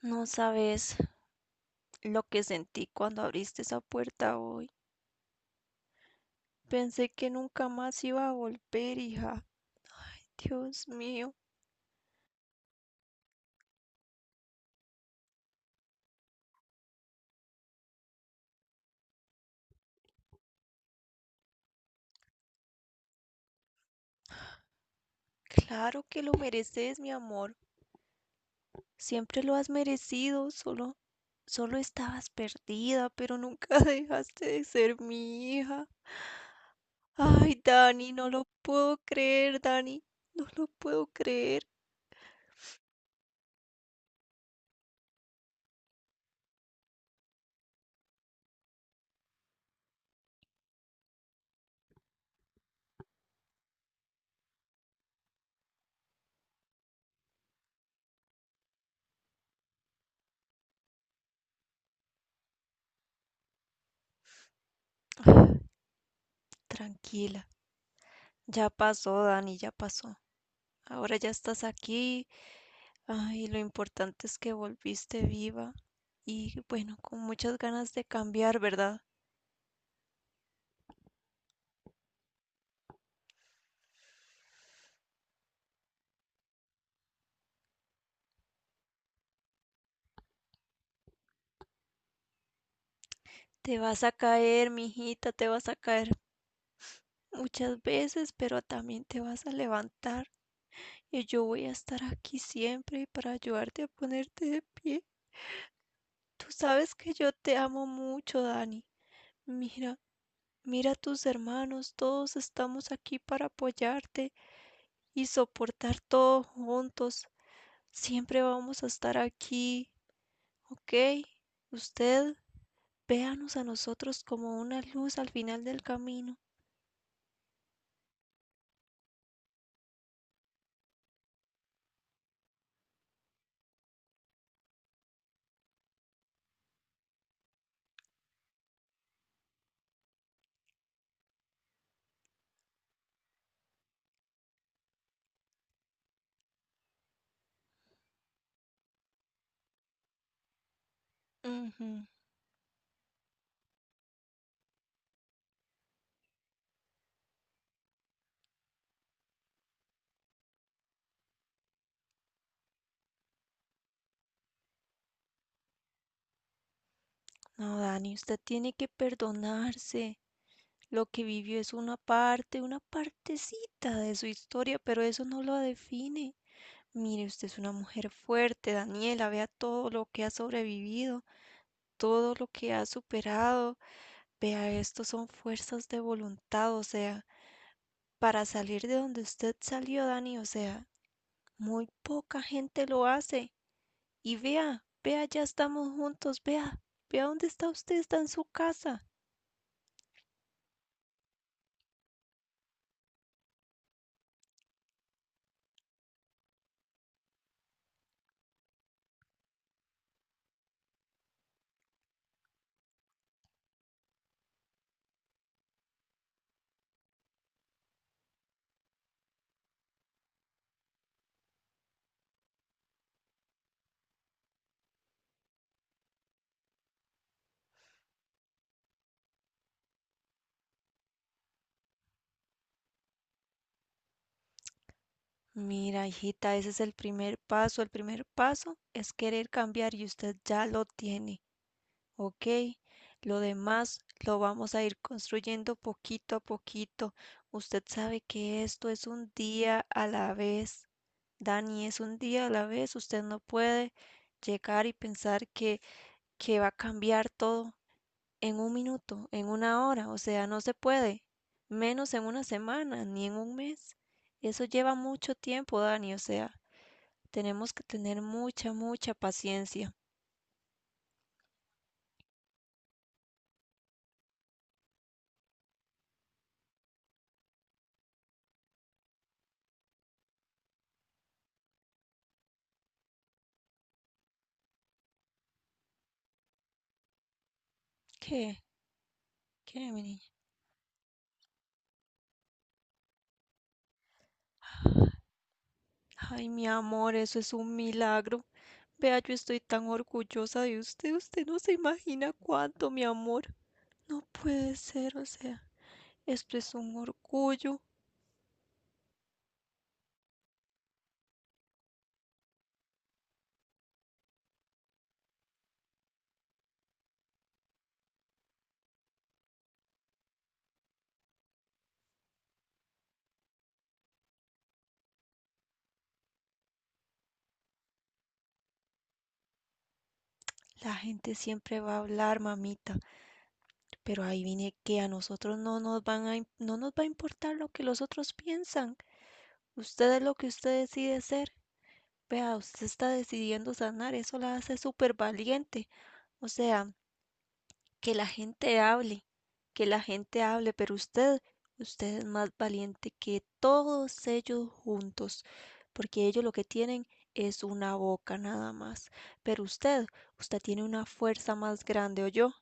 No sabes lo que sentí cuando abriste esa puerta hoy. Pensé que nunca más iba a volver, hija. Dios mío, claro que lo mereces, mi amor. Siempre lo has merecido, solo estabas perdida, pero nunca dejaste de ser mi hija. Ay, Dani, no lo puedo creer, Dani. No lo puedo creer. Ah, Tranquila, ya pasó, Dani, ya pasó. Ahora ya estás aquí. Ay, lo importante es que volviste viva y bueno, con muchas ganas de cambiar, ¿verdad? Te vas a caer, mijita, te vas a caer muchas veces, pero también te vas a levantar y yo voy a estar aquí siempre para ayudarte a ponerte de pie. Tú sabes que yo te amo mucho, Dani. Mira, mira a tus hermanos, todos estamos aquí para apoyarte y soportar todo juntos. Siempre vamos a estar aquí. Ok, usted véanos a nosotros como una luz al final del camino. Ujú. No, Dani, usted tiene que perdonarse. Lo que vivió es una parte, una partecita de su historia, pero eso no lo define. Mire, usted es una mujer fuerte, Daniela, vea todo lo que ha sobrevivido, todo lo que ha superado. Vea, esto son fuerzas de voluntad, o sea, para salir de donde usted salió, Dani, o sea, muy poca gente lo hace. Y vea, vea, ya estamos juntos, vea, vea dónde está usted, está en su casa. Mira, hijita, ese es el primer paso. El primer paso es querer cambiar y usted ya lo tiene. Ok, lo demás lo vamos a ir construyendo poquito a poquito. Usted sabe que esto es un día a la vez. Dani, es un día a la vez. Usted no puede llegar y pensar que va a cambiar todo en un minuto, en una hora. O sea, no se puede. Menos en una semana, ni en un mes. Eso lleva mucho tiempo, Dani. O sea, tenemos que tener mucha, mucha paciencia. ¿Qué? ¿Qué, mi niña? Ay, mi amor, eso es un milagro. Vea, yo estoy tan orgullosa de usted. Usted no se imagina cuánto, mi amor. No puede ser, o sea, esto es un orgullo. La gente siempre va a hablar, mamita, pero ahí viene que a nosotros no nos va a importar lo que los otros piensan. Usted es lo que usted decide ser. Vea, usted está decidiendo sanar, eso la hace súper valiente. O sea, que la gente hable, que la gente hable, pero usted, usted es más valiente que todos ellos juntos, porque ellos lo que tienen es una boca nada más. Pero usted, usted tiene una fuerza más grande, yo.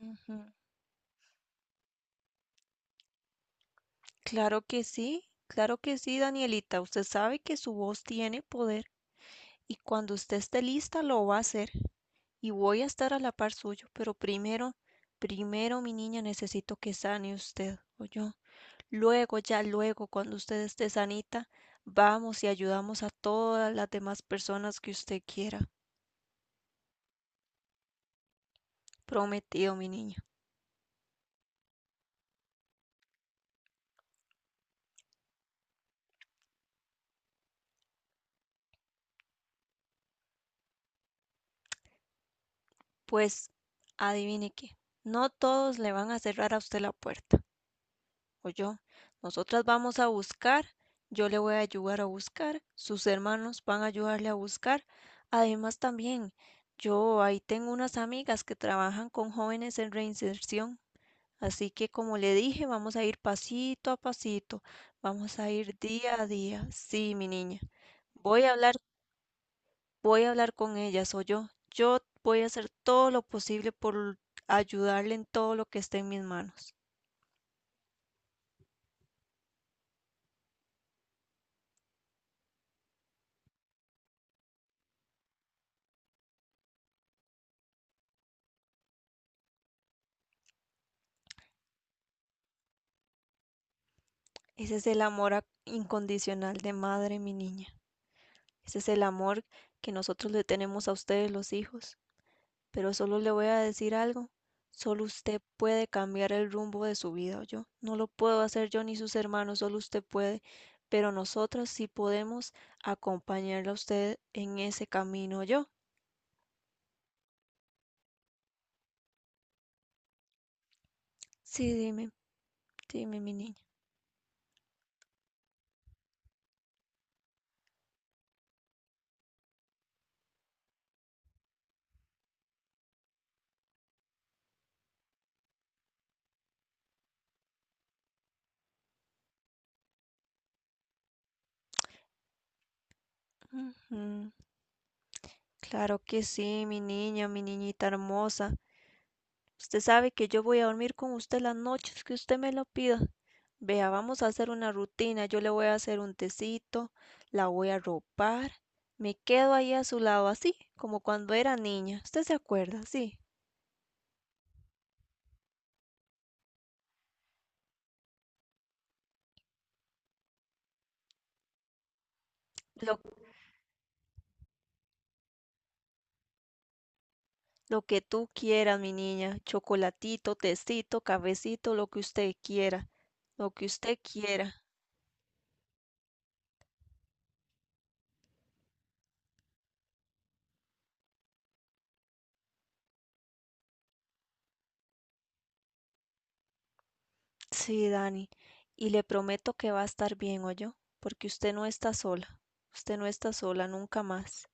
Ujú. Claro que sí, Danielita. Usted sabe que su voz tiene poder y cuando usted esté lista lo va a hacer y voy a estar a la par suyo. Pero primero, primero, mi niña, necesito que sane usted, yo. Luego, ya luego, cuando usted esté sanita, vamos y ayudamos a todas las demás personas que usted quiera. Prometido, mi niña. Pues, adivine qué, no todos le van a cerrar a usted la puerta. Oyó, nosotras vamos a buscar, yo le voy a ayudar a buscar, sus hermanos van a ayudarle a buscar. Además también, yo ahí tengo unas amigas que trabajan con jóvenes en reinserción, así que como le dije, vamos a ir pasito a pasito, vamos a ir día a día. Sí, mi niña, voy a hablar, voy a hablar con ellas, oyó, yo voy a hacer todo lo posible por ayudarle en todo lo que esté en mis manos. Ese es el amor incondicional de madre, mi niña. Ese es el amor que nosotros le tenemos a ustedes los hijos. Pero solo le voy a decir algo. Solo usted puede cambiar el rumbo de su vida, yo. No lo puedo hacer yo ni sus hermanos, solo usted puede. Pero nosotras sí podemos acompañarla a usted en ese camino, yo. Sí, dime, dime, mi niña. Ujú. Claro que sí, mi niña, mi niñita hermosa. Usted sabe que yo voy a dormir con usted las noches que usted me lo pida. Vea, vamos a hacer una rutina. Yo le voy a hacer un tecito, la voy a ropar. Me quedo ahí a su lado, así como cuando era niña. ¿Usted se acuerda? Sí. Lo, lo que tú quieras, mi niña. Chocolatito, tecito, cafecito, lo que usted quiera. Lo que usted quiera. Sí, Dani. Y le prometo que va a estar bien, yo, porque usted no está sola. Usted no está sola nunca más.